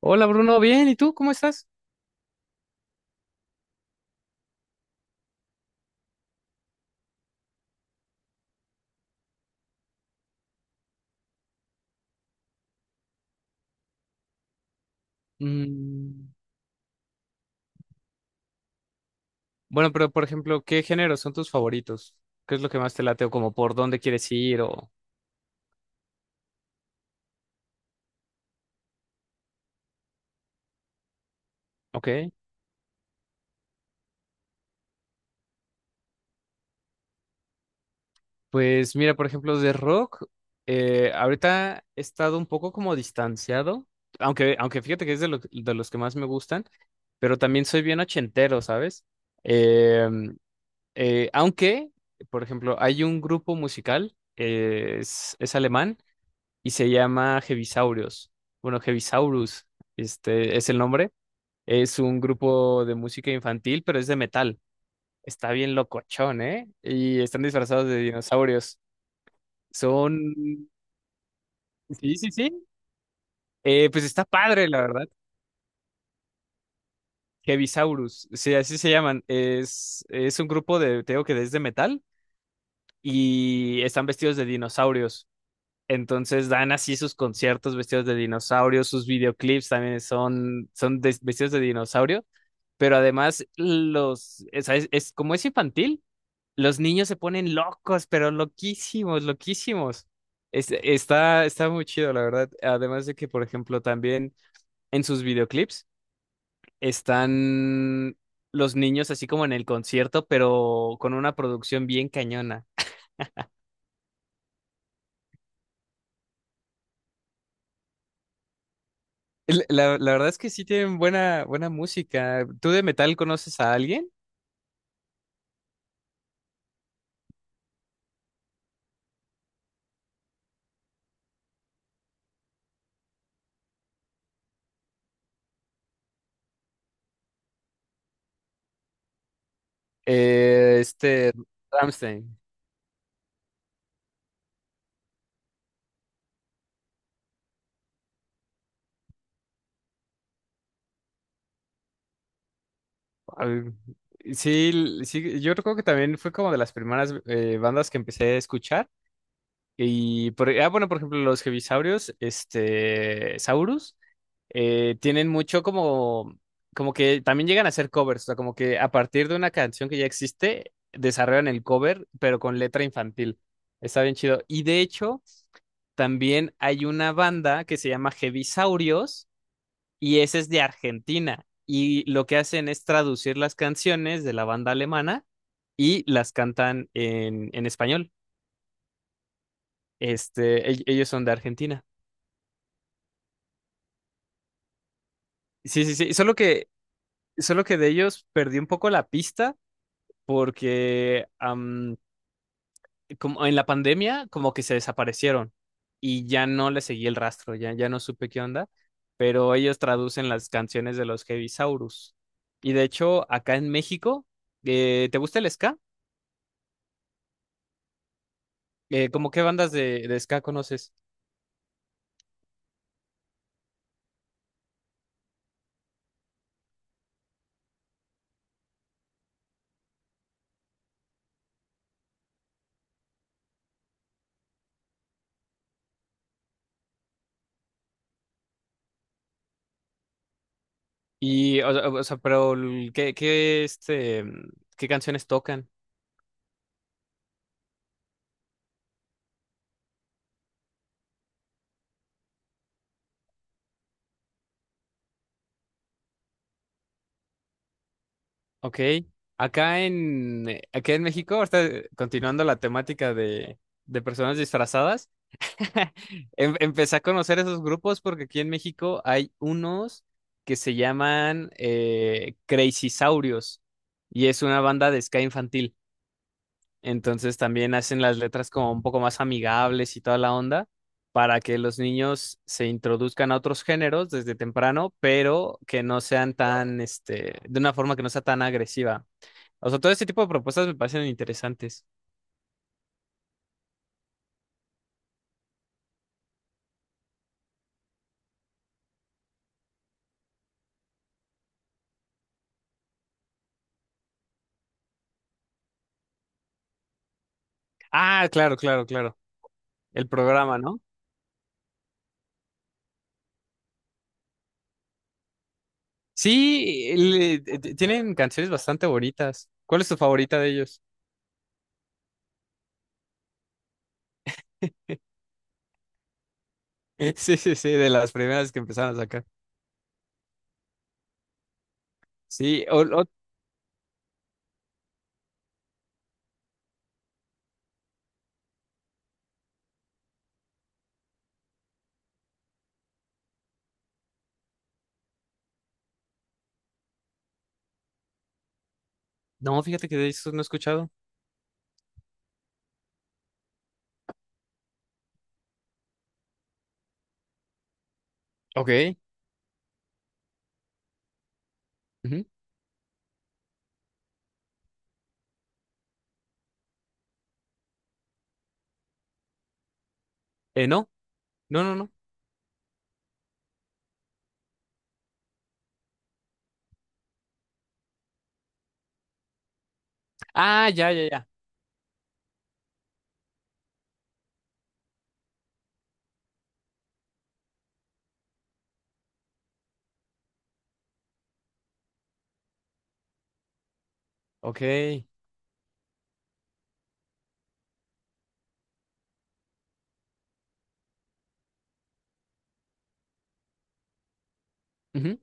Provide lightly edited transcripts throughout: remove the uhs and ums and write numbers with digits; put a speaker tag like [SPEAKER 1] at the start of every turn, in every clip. [SPEAKER 1] Hola Bruno, bien, ¿y tú cómo estás? Mm, bueno, pero por ejemplo, ¿qué géneros son tus favoritos? ¿Qué es lo que más te late o como por dónde quieres ir o... Ok, pues mira, por ejemplo, de rock, ahorita he estado un poco como distanciado, aunque fíjate que es de, de los que más me gustan, pero también soy bien ochentero, ¿sabes? Eh, eh, aunque, por ejemplo, hay un grupo musical, es alemán y se llama Heavisaurios. Bueno, Heavisaurus, este es el nombre. Es un grupo de música infantil, pero es de metal. Está bien locochón, ¿eh? Y están disfrazados de dinosaurios. Son... Sí, sí, sí. Pues está padre, la verdad. Heavisaurus, sí, así se llaman. Es un grupo de, te digo que es de metal y están vestidos de dinosaurios. Entonces dan así sus conciertos vestidos de dinosaurio, sus videoclips también son vestidos de dinosaurio, pero además como es infantil, los niños se ponen locos, pero loquísimos, loquísimos. Está muy chido, la verdad. Además de que, por ejemplo, también en sus videoclips están los niños así como en el concierto, pero con una producción bien cañona. La verdad es que sí tienen buena, buena música. ¿Tú de metal conoces a alguien? Eh, este, Rammstein. Al- Sí, sí, yo recuerdo que también fue como de las primeras bandas que empecé a escuchar. Bueno, por ejemplo, los Heavisaurios, este, Saurus, tienen mucho como que también llegan a hacer covers, o sea, como que a partir de una canción que ya existe, desarrollan el cover, pero con letra infantil. Está bien chido. Y de hecho... También hay una banda que se llama Heavisaurios y ese es de Argentina. Y lo que hacen es traducir las canciones de la banda alemana y las cantan en español. Este, ellos son de Argentina. Sí, sí, sí. Solo que de ellos perdí un poco la pista porque como en la pandemia como que se desaparecieron y ya no le seguí el rastro, ya no supe qué onda. Pero ellos traducen las canciones de los Heavisaurus. Y de hecho, acá en México, ¿te gusta el ska? ¿Cómo qué bandas de ska conoces? O sea, ¿qué, este, qué canciones tocan? Ok. Acá en México, ahorita, continuando la temática de personas disfrazadas, Empecé a conocer esos grupos porque aquí en México hay unos que se llaman Crazy Saurios y es una banda de ska infantil. Entonces también hacen las letras como un poco más amigables y toda la onda para que los niños se introduzcan a otros géneros desde temprano, pero que no sean tan, este, de una forma que no sea tan agresiva. O sea, todo este tipo de propuestas me parecen interesantes. Ah, claro, claro, claro. El programa, ¿no? Sí, tienen canciones bastante bonitas. ¿Cuál es tu favorita de ellos? Sí, sí, sí, de las primeras que empezaron a sacar. Sí, no, fíjate que de eso no he escuchado. Ok. Ujú. No, no, no, no. Ah, ya, ya, ya. Ok. Ujú.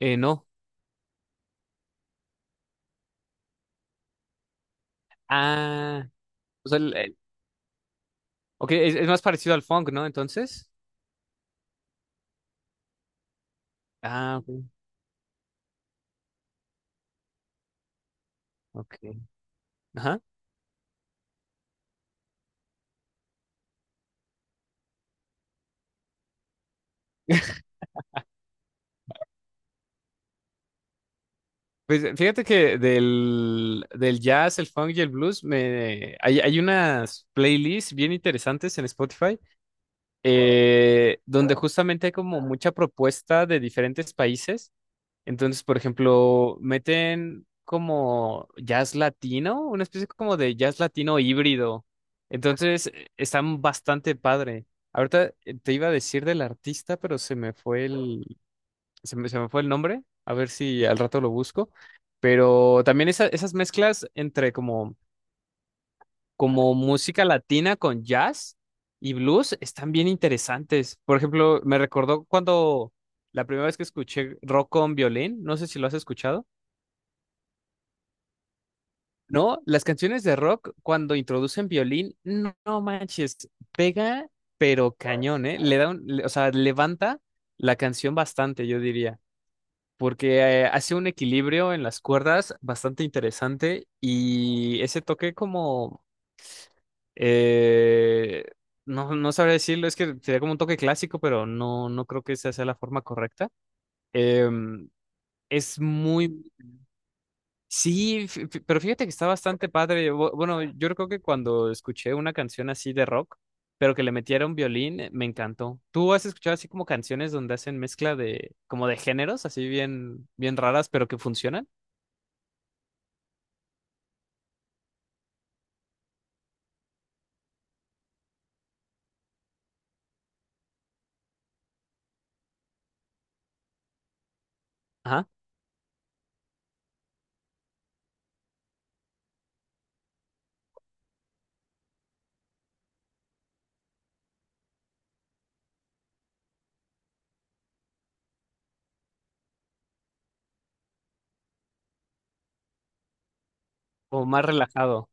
[SPEAKER 1] No. Ah, o sea, ok, es más parecido al funk, ¿no? Entonces. Ah, ok. Ok. Ajá. Pues fíjate que del jazz, el funk y el blues, hay unas playlists bien interesantes en Spotify, donde justamente hay como mucha propuesta de diferentes países. Entonces, por ejemplo, meten como jazz latino, una especie como de jazz latino híbrido. Entonces, están bastante padre. Ahorita te iba a decir del artista, pero se me fue se me fue el nombre, a ver si al rato lo busco, pero también esas mezclas entre como, como música latina con jazz y blues están bien interesantes. Por ejemplo, me recordó cuando la primera vez que escuché rock con violín, no sé si lo has escuchado. No, las canciones de rock cuando introducen violín, no, no manches, pega, pero cañón, ¿eh? Le da un- le- o sea, levanta la canción bastante, yo diría. Porque hace un equilibrio en las cuerdas bastante interesante y ese toque como, eh, no, no sabría decirlo, es que sería como un toque clásico, pero no, no creo que esa sea la forma correcta. Em, es muy... Sí, pero fíjate que está bastante padre. Bueno, yo creo que cuando escuché una canción así de rock, pero que le metiera un violín, me encantó. ¿Tú has escuchado así como canciones donde hacen mezcla de, como de géneros, así bien, bien raras, pero que funcionan? O más relajado.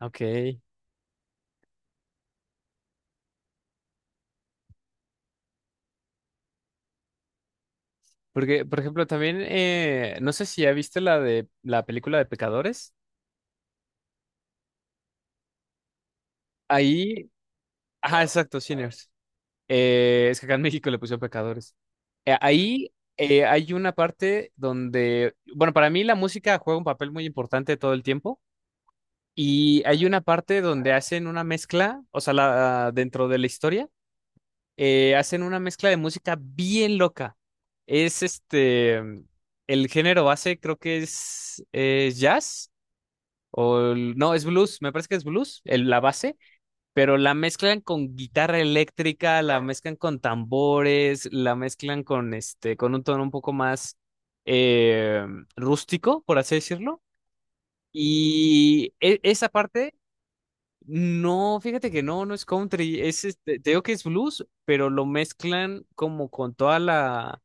[SPEAKER 1] Ok. Porque, por ejemplo, también, no sé si ya viste la de la película de Pecadores. Ahí, ajá, exacto, Sinners. Es que acá en México le pusieron Pecadores. Ahí hay una parte donde, bueno, para mí la música juega un papel muy importante todo el tiempo. Y hay una parte donde hacen una mezcla, o sea, la, dentro de la historia hacen una mezcla de música bien loca. Es este, el género base creo que es, jazz o no, es blues, me parece que es blues, la base, pero la mezclan con guitarra eléctrica, la mezclan con tambores, la mezclan con este, con un tono un poco más eh, rústico, por así decirlo. Esa parte no, fíjate que no, no es country, es este, te digo que es blues, pero lo mezclan como con toda la,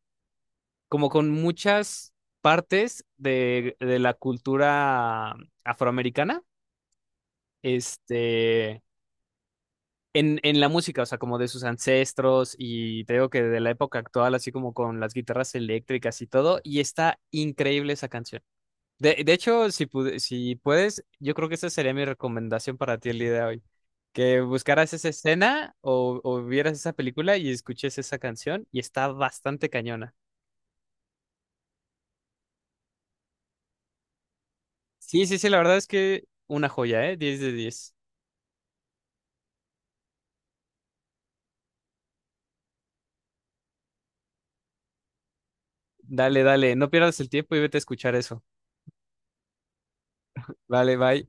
[SPEAKER 1] como con muchas partes de la cultura afroamericana, este, en la música, o sea, como de sus ancestros y te digo que de la época actual, así como con las guitarras eléctricas y todo, y está increíble esa canción. De hecho, si, si puedes, yo creo que esa sería mi recomendación para ti el día de hoy. Que buscaras esa escena o vieras esa película y escuches esa canción y está bastante cañona. Sí, sí, sí, la verdad es que una joya, ¿eh? 10 de 10. Dale, dale, no pierdas el tiempo y vete a escuchar eso. Vale, bye.